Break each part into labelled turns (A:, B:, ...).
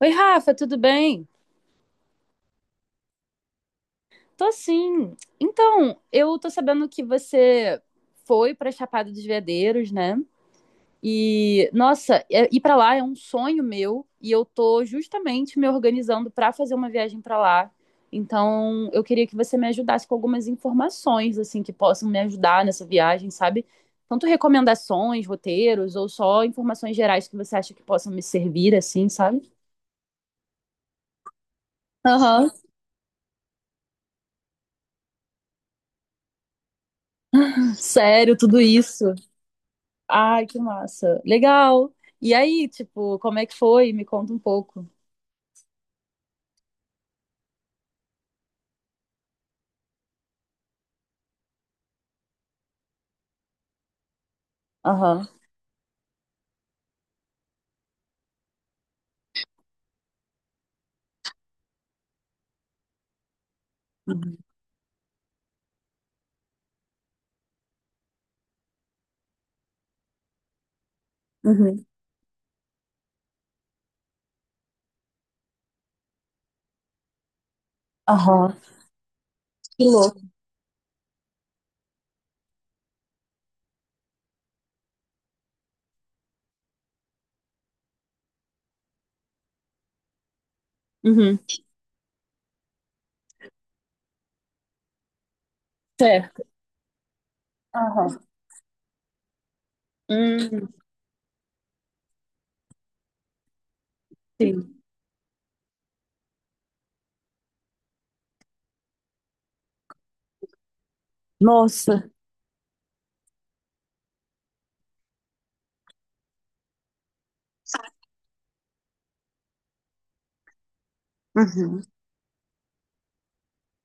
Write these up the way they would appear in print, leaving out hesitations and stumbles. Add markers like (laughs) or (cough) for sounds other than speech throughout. A: Oi, Rafa, tudo bem? Tô sim. Então, eu tô sabendo que você foi pra Chapada dos Veadeiros, né? E, nossa, ir pra lá é um sonho meu e eu tô justamente me organizando pra fazer uma viagem pra lá. Então, eu queria que você me ajudasse com algumas informações, assim, que possam me ajudar nessa viagem, sabe? Tanto recomendações, roteiros ou só informações gerais que você acha que possam me servir, assim, sabe? Aham, sério, tudo isso. Ai, que massa. Legal. E aí, tipo, como é que foi? Me conta um pouco. Aham. Uhum. Uhum. Aham. Que louco. Uhum. Certo. Aham. Hum, sim. Nossa. Uhum.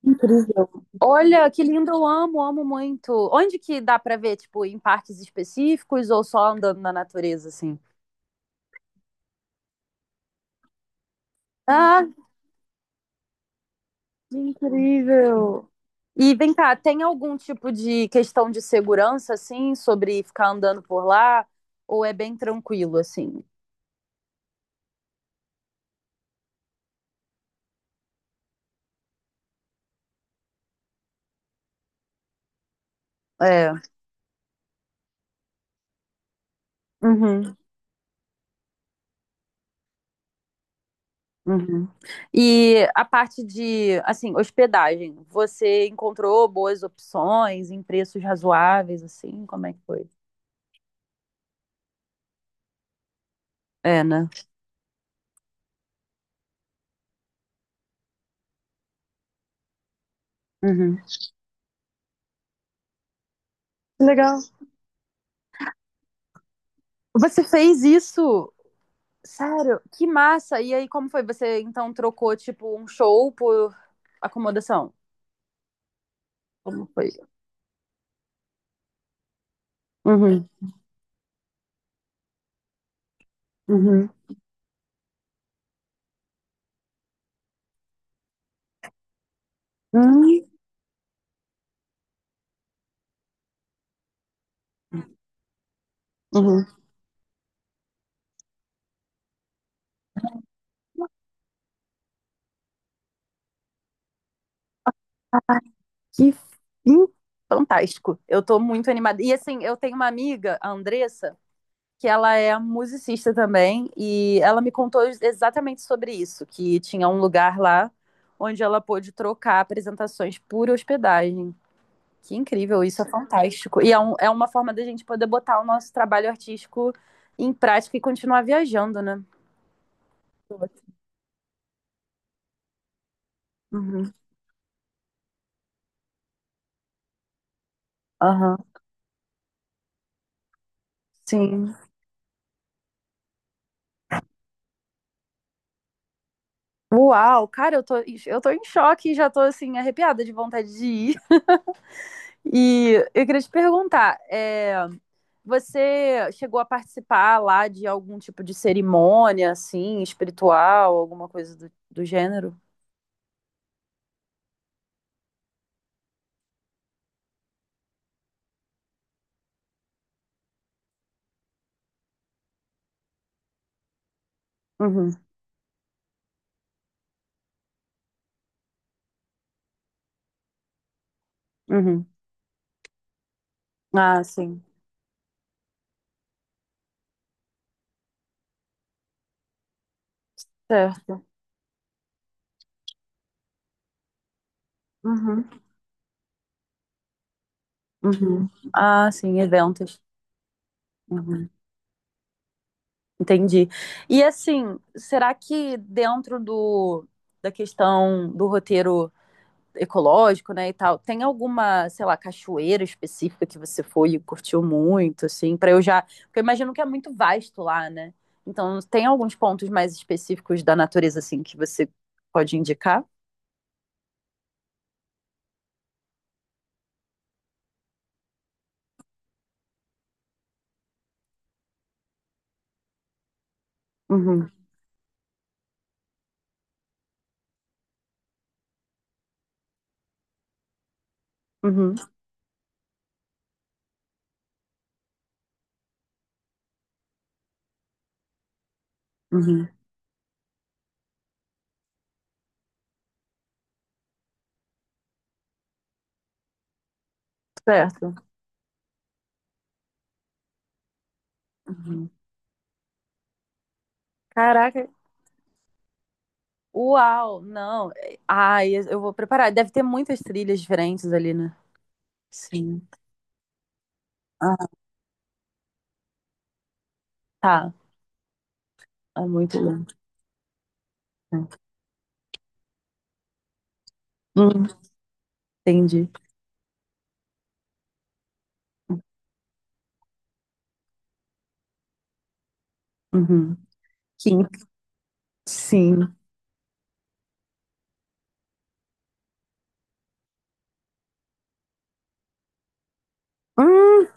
A: Incrível. Olha, que lindo, eu amo, amo muito. Onde que dá pra ver, tipo, em parques específicos ou só andando na natureza, assim? Ah, incrível. E vem cá, tem algum tipo de questão de segurança, assim, sobre ficar andando por lá? Ou é bem tranquilo, assim? É. Uhum, uhum. E a parte de, assim, hospedagem, você encontrou boas opções em preços razoáveis, assim? Como é que foi? É, né? Uhum. Legal. Você fez isso? Sério? Que massa! E aí, como foi? Você então trocou, tipo, um show por acomodação? Como foi? Uhum. Uhum. Hum, uhum. Ah, que fim fantástico. Eu tô muito animada. E assim, eu tenho uma amiga, a Andressa, que ela é musicista também, e ela me contou exatamente sobre isso, que tinha um lugar lá onde ela pôde trocar apresentações por hospedagem. Que incrível, isso é fantástico. E é, é uma forma da gente poder botar o nosso trabalho artístico em prática e continuar viajando, né? Uhum. Aham. Sim. Uau, cara, eu tô em choque e já tô assim, arrepiada de vontade de ir. E eu queria te perguntar, você chegou a participar lá de algum tipo de cerimônia, assim, espiritual, alguma coisa do gênero? Uhum, uhum. Ah, sim, certo. Uhum, uhum. Ah, sim, eventos. Uhum, entendi. E assim, será que dentro do, da questão do roteiro ecológico, né, e tal. Tem alguma, sei lá, cachoeira específica que você foi e curtiu muito, assim, para eu já, porque eu imagino que é muito vasto lá, né? Então, tem alguns pontos mais específicos da natureza assim que você pode indicar? Uhum. Uhum. Uhum. Certo. Uhum. Caraca. Uau, não. Ai, eu vou preparar. Deve ter muitas trilhas diferentes ali, né? Sim. Ah, tá. É muito lindo. Hum, entendi. Uhum. Que in- Sim. Hum.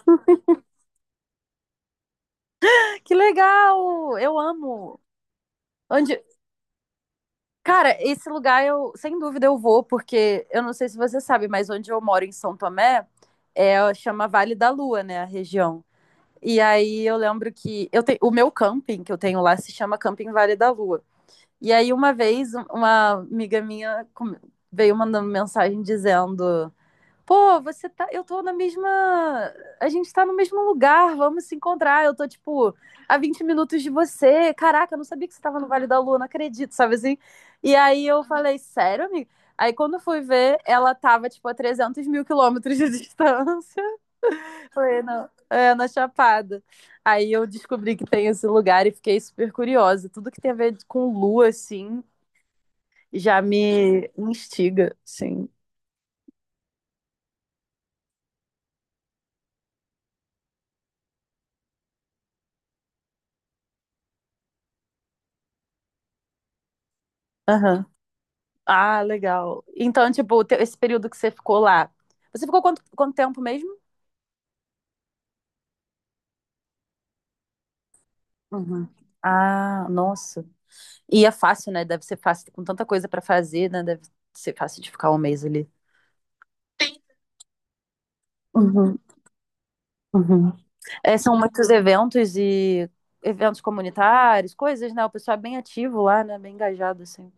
A: Que legal! Eu amo. Onde, Cara, esse lugar eu, sem dúvida, eu vou, porque eu não sei se você sabe, mas onde eu moro em São Tomé, é, chama Vale da Lua, né, a região. E aí eu lembro que o meu camping que eu tenho lá se chama Camping Vale da Lua. E aí uma vez uma amiga minha veio mandando mensagem dizendo pô, você tá. Eu tô na mesma. A gente tá no mesmo lugar, vamos se encontrar. Eu tô, tipo, a 20 minutos de você. Caraca, eu não sabia que você tava no Vale da Lua, não acredito, sabe assim? E aí eu falei, sério, amiga? Aí quando eu fui ver, ela tava, tipo, a 300 mil quilômetros de (laughs) distância. Falei, não, é, na Chapada. Aí eu descobri que tem esse lugar e fiquei super curiosa. Tudo que tem a ver com lua, assim, já me instiga, sim. Aham. Ah, legal. Então, tipo, o teu- esse período que você ficou lá, você ficou quanto tempo mesmo? Uhum. Ah, nossa. E é fácil, né? Deve ser fácil, com tanta coisa pra fazer, né? Deve ser fácil de ficar um mês ali. Uhum, uhum. É, são muitos eventos e eventos comunitários, coisas, né? O pessoal é bem ativo lá, né? Bem engajado, assim.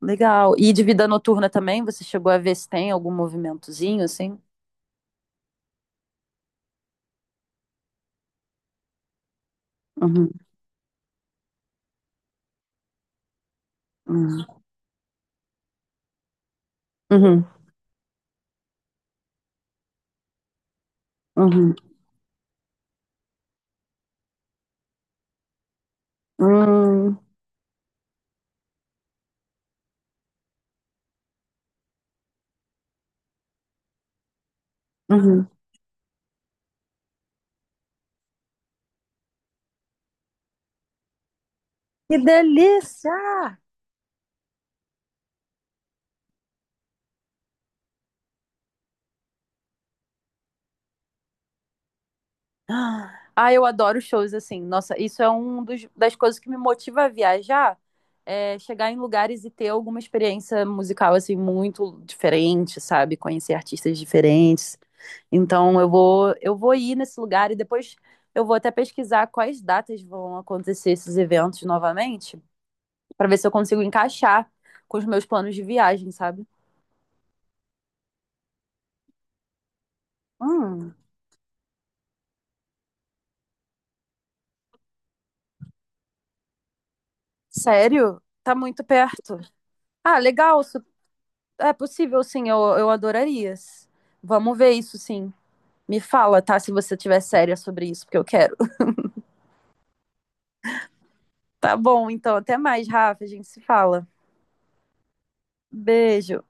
A: Legal. E de vida noturna também, você chegou a ver se tem algum movimentozinho, assim? Uhum, uhum, uhum, uhum, uhum, uhum. Que delícia! Ah, eu adoro shows assim. Nossa, isso é um dos, das coisas que me motiva a viajar, é chegar em lugares e ter alguma experiência musical assim muito diferente, sabe? Conhecer artistas diferentes. Então eu vou ir nesse lugar e depois eu vou até pesquisar quais datas vão acontecer esses eventos novamente, para ver se eu consigo encaixar com os meus planos de viagem, sabe? Hum, sério? Tá muito perto. Ah, legal. É possível, sim, eu adoraria. Vamos ver isso, sim. Me fala, tá? Se você tiver séria sobre isso, porque eu quero. Tá bom, então, até mais, Rafa. A gente se fala. Beijo.